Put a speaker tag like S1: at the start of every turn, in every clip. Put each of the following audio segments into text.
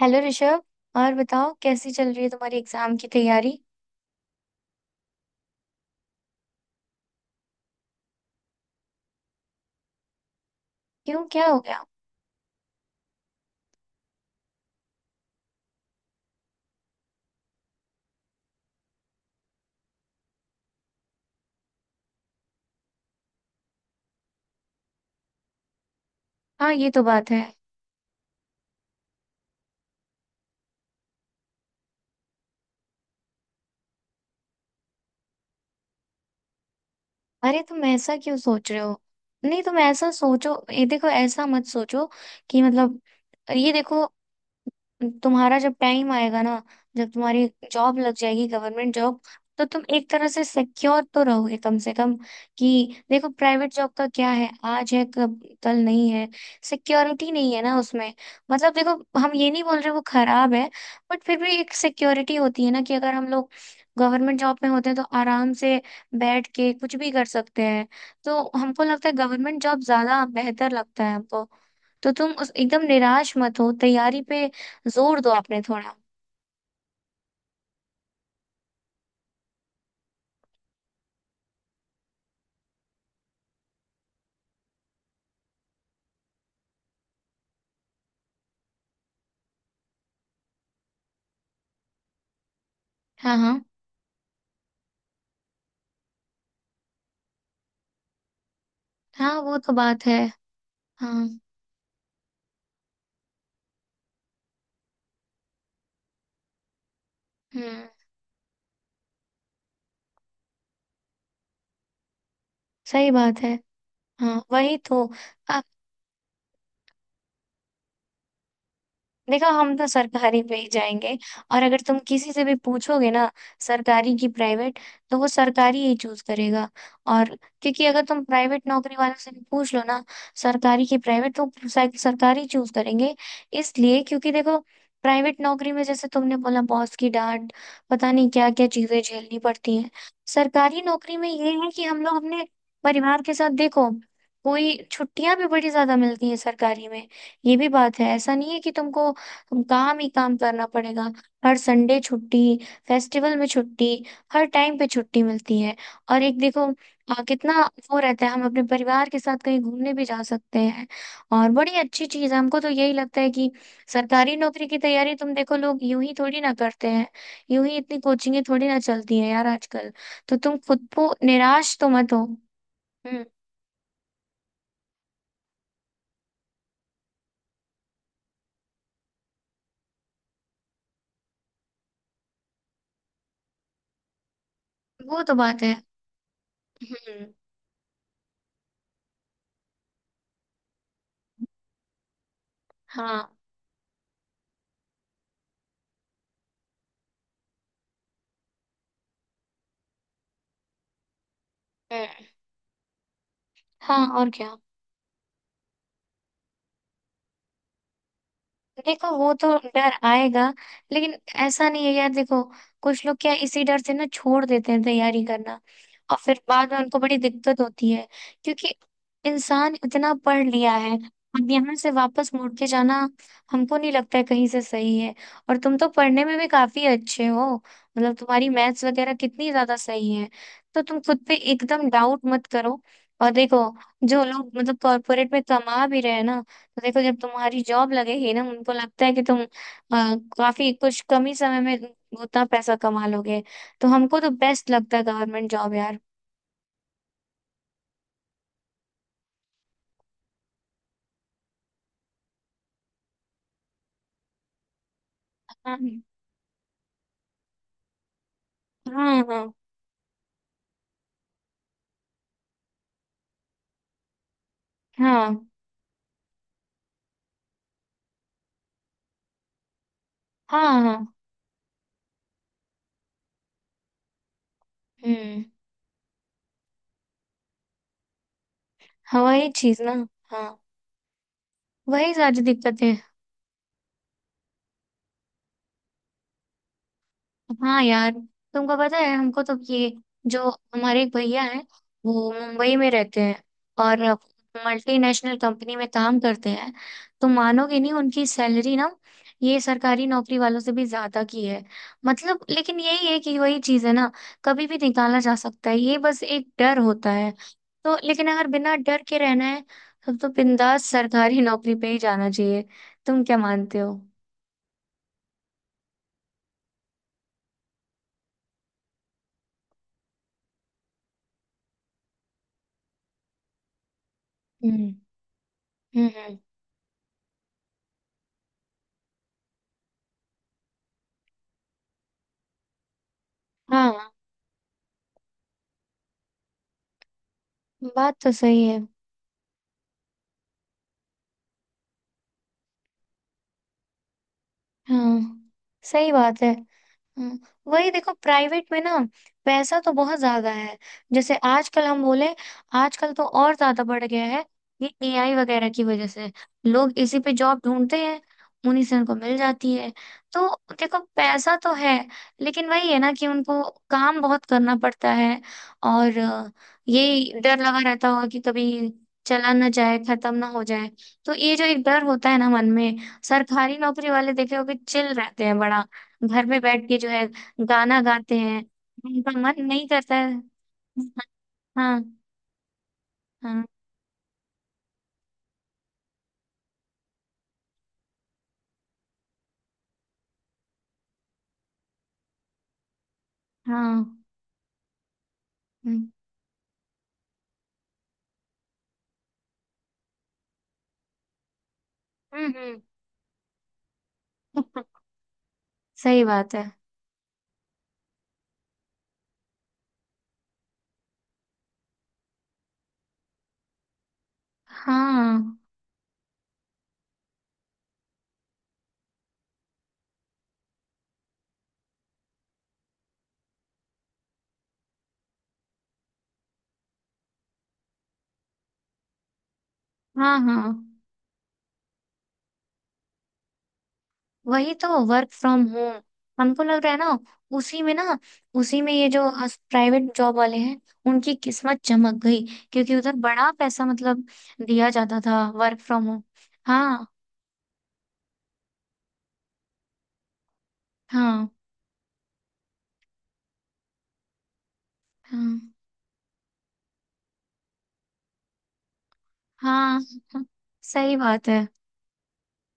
S1: Hello Rishabh. और बताओ कैसी चल रही है तुम्हारी एग्जाम की तैयारी? क्यों, क्या हो गया? हाँ, ये तो बात है। अरे तुम ऐसा क्यों सोच रहे हो? नहीं, तुम ऐसा सोचो, ये देखो, ऐसा मत सोचो कि मतलब, ये देखो, तुम्हारा जब टाइम आएगा ना, जब तुम्हारी जॉब लग जाएगी, गवर्नमेंट जॉब, तो तुम एक तरह से सिक्योर तो रहोगे कम से कम। कि देखो, प्राइवेट जॉब का क्या है, आज है कब कल नहीं है। सिक्योरिटी नहीं है ना उसमें। मतलब देखो, हम ये नहीं बोल रहे वो खराब है, बट फिर भी एक सिक्योरिटी होती है ना, कि अगर हम लोग गवर्नमेंट जॉब में होते हैं तो आराम से बैठ के कुछ भी कर सकते हैं। तो हमको लगता है गवर्नमेंट जॉब ज्यादा बेहतर लगता है हमको। तो तुम उस एकदम निराश मत हो, तैयारी पे जोर दो आपने थोड़ा। हाँ हाँ। हाँ, वो तो बात है। हाँ। हम्म। सही बात है। हाँ, वही तो। देखो, हम तो सरकारी पे ही जाएंगे। और अगर तुम किसी से भी पूछोगे ना, सरकारी की प्राइवेट, तो वो सरकारी ही चूज करेगा। और क्योंकि अगर तुम प्राइवेट नौकरी वालों से भी पूछ लो ना, सरकारी की प्राइवेट, तो सरकारी चूज करेंगे। इसलिए क्योंकि देखो, प्राइवेट नौकरी में जैसे तुमने बोला बॉस की डांट, पता नहीं क्या क्या चीजें झेलनी पड़ती हैं। सरकारी नौकरी में ये है कि हम लोग अपने परिवार के साथ, देखो, कोई छुट्टियां भी बड़ी ज्यादा मिलती हैं सरकारी में। ये भी बात है, ऐसा नहीं है कि तुमको तुम काम ही काम करना पड़ेगा। हर संडे छुट्टी, फेस्टिवल में छुट्टी, हर टाइम पे छुट्टी मिलती है। और एक देखो, कितना वो रहता है, हम अपने परिवार के साथ कहीं घूमने भी जा सकते हैं। और बड़ी अच्छी चीज है, हमको तो यही लगता है कि सरकारी नौकरी की तैयारी, तुम देखो, लोग यूं ही थोड़ी ना करते हैं, यूं ही इतनी कोचिंगें थोड़ी ना चलती हैं यार आजकल। तो तुम खुद को निराश तो मत हो। हम्म, वो तो बात है। हम्म। हाँ। हम्म। हाँ और क्या। देखो, वो तो डर आएगा, लेकिन ऐसा नहीं है यार। देखो, कुछ लोग क्या इसी डर से ना छोड़ देते हैं तैयारी करना, और फिर बाद में उनको बड़ी दिक्कत होती है। क्योंकि इंसान इतना पढ़ लिया है, अब यहाँ से वापस मुड़ के जाना हमको नहीं लगता है कहीं से सही है। और तुम तो पढ़ने में भी काफी अच्छे हो, मतलब तुम्हारी मैथ्स वगैरह कितनी ज्यादा सही है। तो तुम खुद पे एकदम डाउट मत करो। और देखो, जो लोग मतलब कॉर्पोरेट में कमा भी रहे हैं ना, तो देखो, जब तुम्हारी जॉब लगेगी ना, उनको लगता है कि तुम काफी कुछ कम ही समय में उतना पैसा कमा लोगे। तो हमको तो बेस्ट लगता है गवर्नमेंट जॉब यार। हाँ हाँ हाँ। हाँ हाँ हाँ। हम्म। हाँ, वही चीज ना। हाँ, वही सारी दिक्कतें। हाँ यार, तुमको पता है हमको तो ये जो हमारे एक भैया हैं वो मुंबई में रहते हैं और मल्टीनेशनल कंपनी में काम करते हैं। तो मानोगे नहीं, उनकी सैलरी ना ये सरकारी नौकरी वालों से भी ज्यादा की है। मतलब लेकिन यही है कि वही चीज है ना, कभी भी निकाला जा सकता है, ये बस एक डर होता है। तो लेकिन अगर बिना डर के रहना है, तब तो बिंदास सरकारी नौकरी पे ही जाना चाहिए। तुम क्या मानते हो? हम्म हम्म। हाँ, बात तो सही है। हाँ, सही बात है। हम्म, वही देखो प्राइवेट में ना पैसा तो बहुत ज्यादा है। जैसे आजकल हम बोले, आजकल तो और ज्यादा बढ़ गया है, ये एआई वगैरह की वजह से लोग इसी पे जॉब ढूंढते हैं, उन्हीं से उनको मिल जाती है। तो देखो, पैसा तो है, लेकिन वही है ना कि उनको काम बहुत करना पड़ता है। और ये डर लगा रहता होगा कि कभी चला ना जाए, खत्म ना हो जाए। तो ये जो एक डर होता है ना मन में। सरकारी नौकरी वाले देखे हो कि चिल रहते हैं बड़ा, घर में बैठ के जो है गाना गाते हैं। उनका मन नहीं करता है। हाँ हाँ हाँ। हम्म, हम्म। सही बात है। हाँ हाँ। हाँ, वही तो, वर्क फ्रॉम होम। हमको लग रहा है ना, उसी में ना, उसी में ये जो प्राइवेट जॉब वाले हैं, उनकी किस्मत चमक गई। क्योंकि उधर बड़ा पैसा, मतलब दिया जाता था वर्क फ्रॉम होम। हाँ हाँ हाँ। हाँ, हाँ, सही बात है।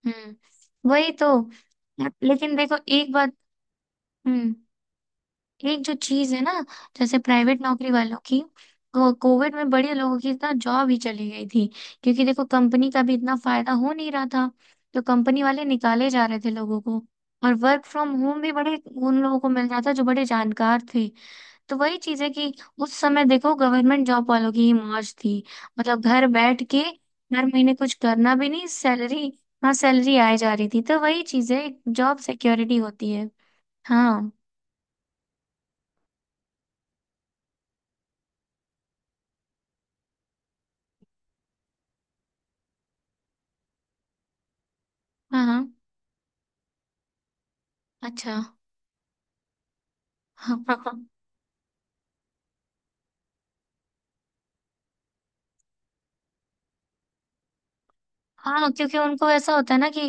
S1: हम्म, वही तो। लेकिन देखो एक बात। हम्म। एक जो चीज है ना, जैसे प्राइवेट नौकरी वालों की, कोविड में बड़े लोगों की इतना जॉब ही चली गई थी। क्योंकि देखो, कंपनी का भी इतना फायदा हो नहीं रहा था, तो कंपनी वाले निकाले जा रहे थे लोगों को। और वर्क फ्रॉम होम भी बड़े उन लोगों को मिल रहा था जो बड़े जानकार थे। तो वही चीज है कि उस समय देखो गवर्नमेंट जॉब वालों की ही मौज थी, मतलब घर बैठ के हर महीने कुछ करना भी नहीं, सैलरी। हाँ, सैलरी आए जा रही थी, तो वही चीज है। जॉब सिक्योरिटी होती है। हाँ हाँ हाँ। अच्छा। हाँ, क्योंकि उनको ऐसा होता है ना कि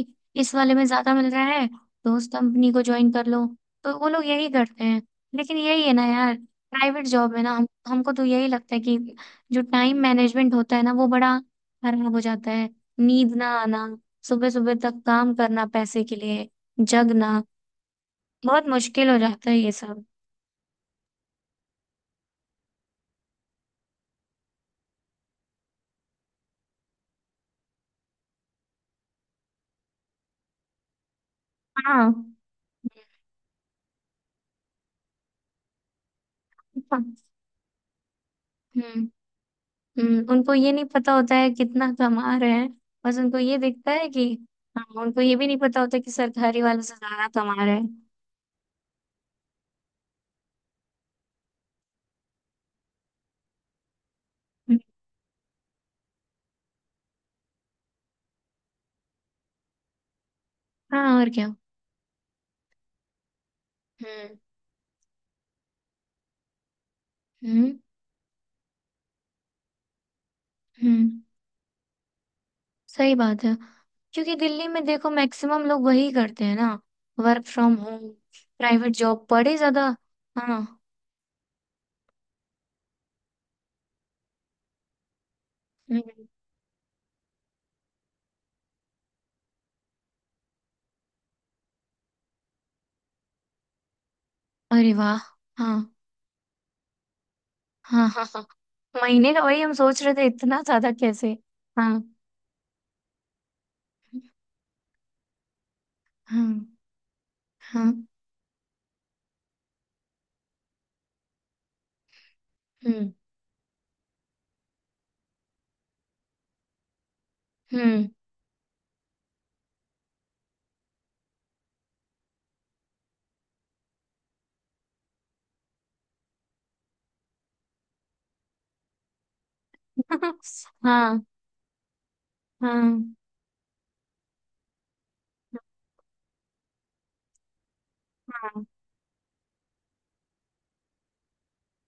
S1: इस वाले में ज्यादा मिल रहा है तो उस कंपनी को ज्वाइन कर लो। तो वो लोग यही करते हैं। लेकिन यही है ना यार, प्राइवेट जॉब है ना, हम हमको तो यही लगता है कि जो टाइम मैनेजमेंट होता है ना वो बड़ा खराब हो जाता है। नींद ना आना, सुबह सुबह तक काम करना पैसे के लिए, जगना, बहुत मुश्किल हो जाता है ये सब। हाँ। हम्म, उनको ये नहीं पता होता है कितना कमा रहे हैं, बस उनको ये दिखता है कि हाँ। उनको ये भी नहीं पता होता कि सरकारी वालों से ज्यादा कमा रहे हैं। हाँ और क्या। हम्म हम्म हम्म। सही बात है, क्योंकि दिल्ली में देखो मैक्सिमम लोग वही करते हैं ना, work from home, private job बड़े ज्यादा। हाँ। हम्म, अरे वाह। हाँ हाँ हाँ हाँ। महीने का? वही हम सोच रहे थे इतना ज्यादा कैसे। हाँ हाँ हाँ। हम्म हम्म। हाँ हाँ हाँ।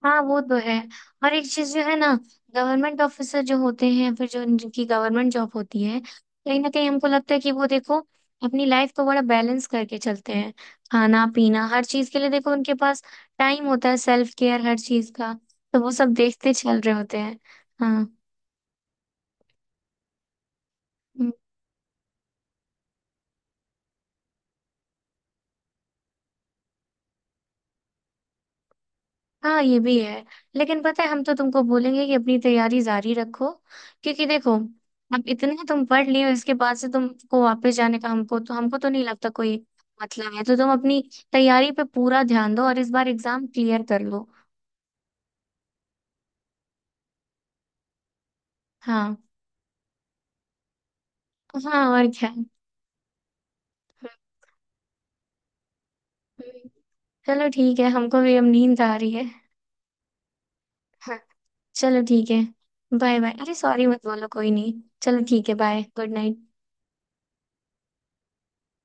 S1: हाँ, वो तो है। और एक चीज जो है ना, गवर्नमेंट ऑफिसर जो होते हैं, फिर जो जिनकी गवर्नमेंट जॉब होती है, कहीं ना कहीं हमको लगता है कि वो देखो अपनी लाइफ को बड़ा बैलेंस करके चलते हैं। खाना पीना हर चीज के लिए देखो उनके पास टाइम होता है, सेल्फ केयर हर चीज का, तो वो सब देखते चल रहे होते हैं। हाँ। हाँ, ये भी है। लेकिन पता है, हम तो तुमको बोलेंगे कि अपनी तैयारी जारी रखो। क्योंकि देखो, अब इतना तुम पढ़ लिए हो, इसके बाद से तुमको वापस जाने का हमको तो, हमको तो नहीं लगता कोई मतलब है। तो तुम अपनी तैयारी पे पूरा ध्यान दो और इस बार एग्जाम क्लियर कर लो। हाँ। हाँ और क्या। हम्म। चलो ठीक है, हमको भी अब नींद आ रही है। हाँ, चलो ठीक है, बाय बाय। अरे सॉरी मत बोलो, कोई नहीं। चलो ठीक है, बाय, गुड नाइट।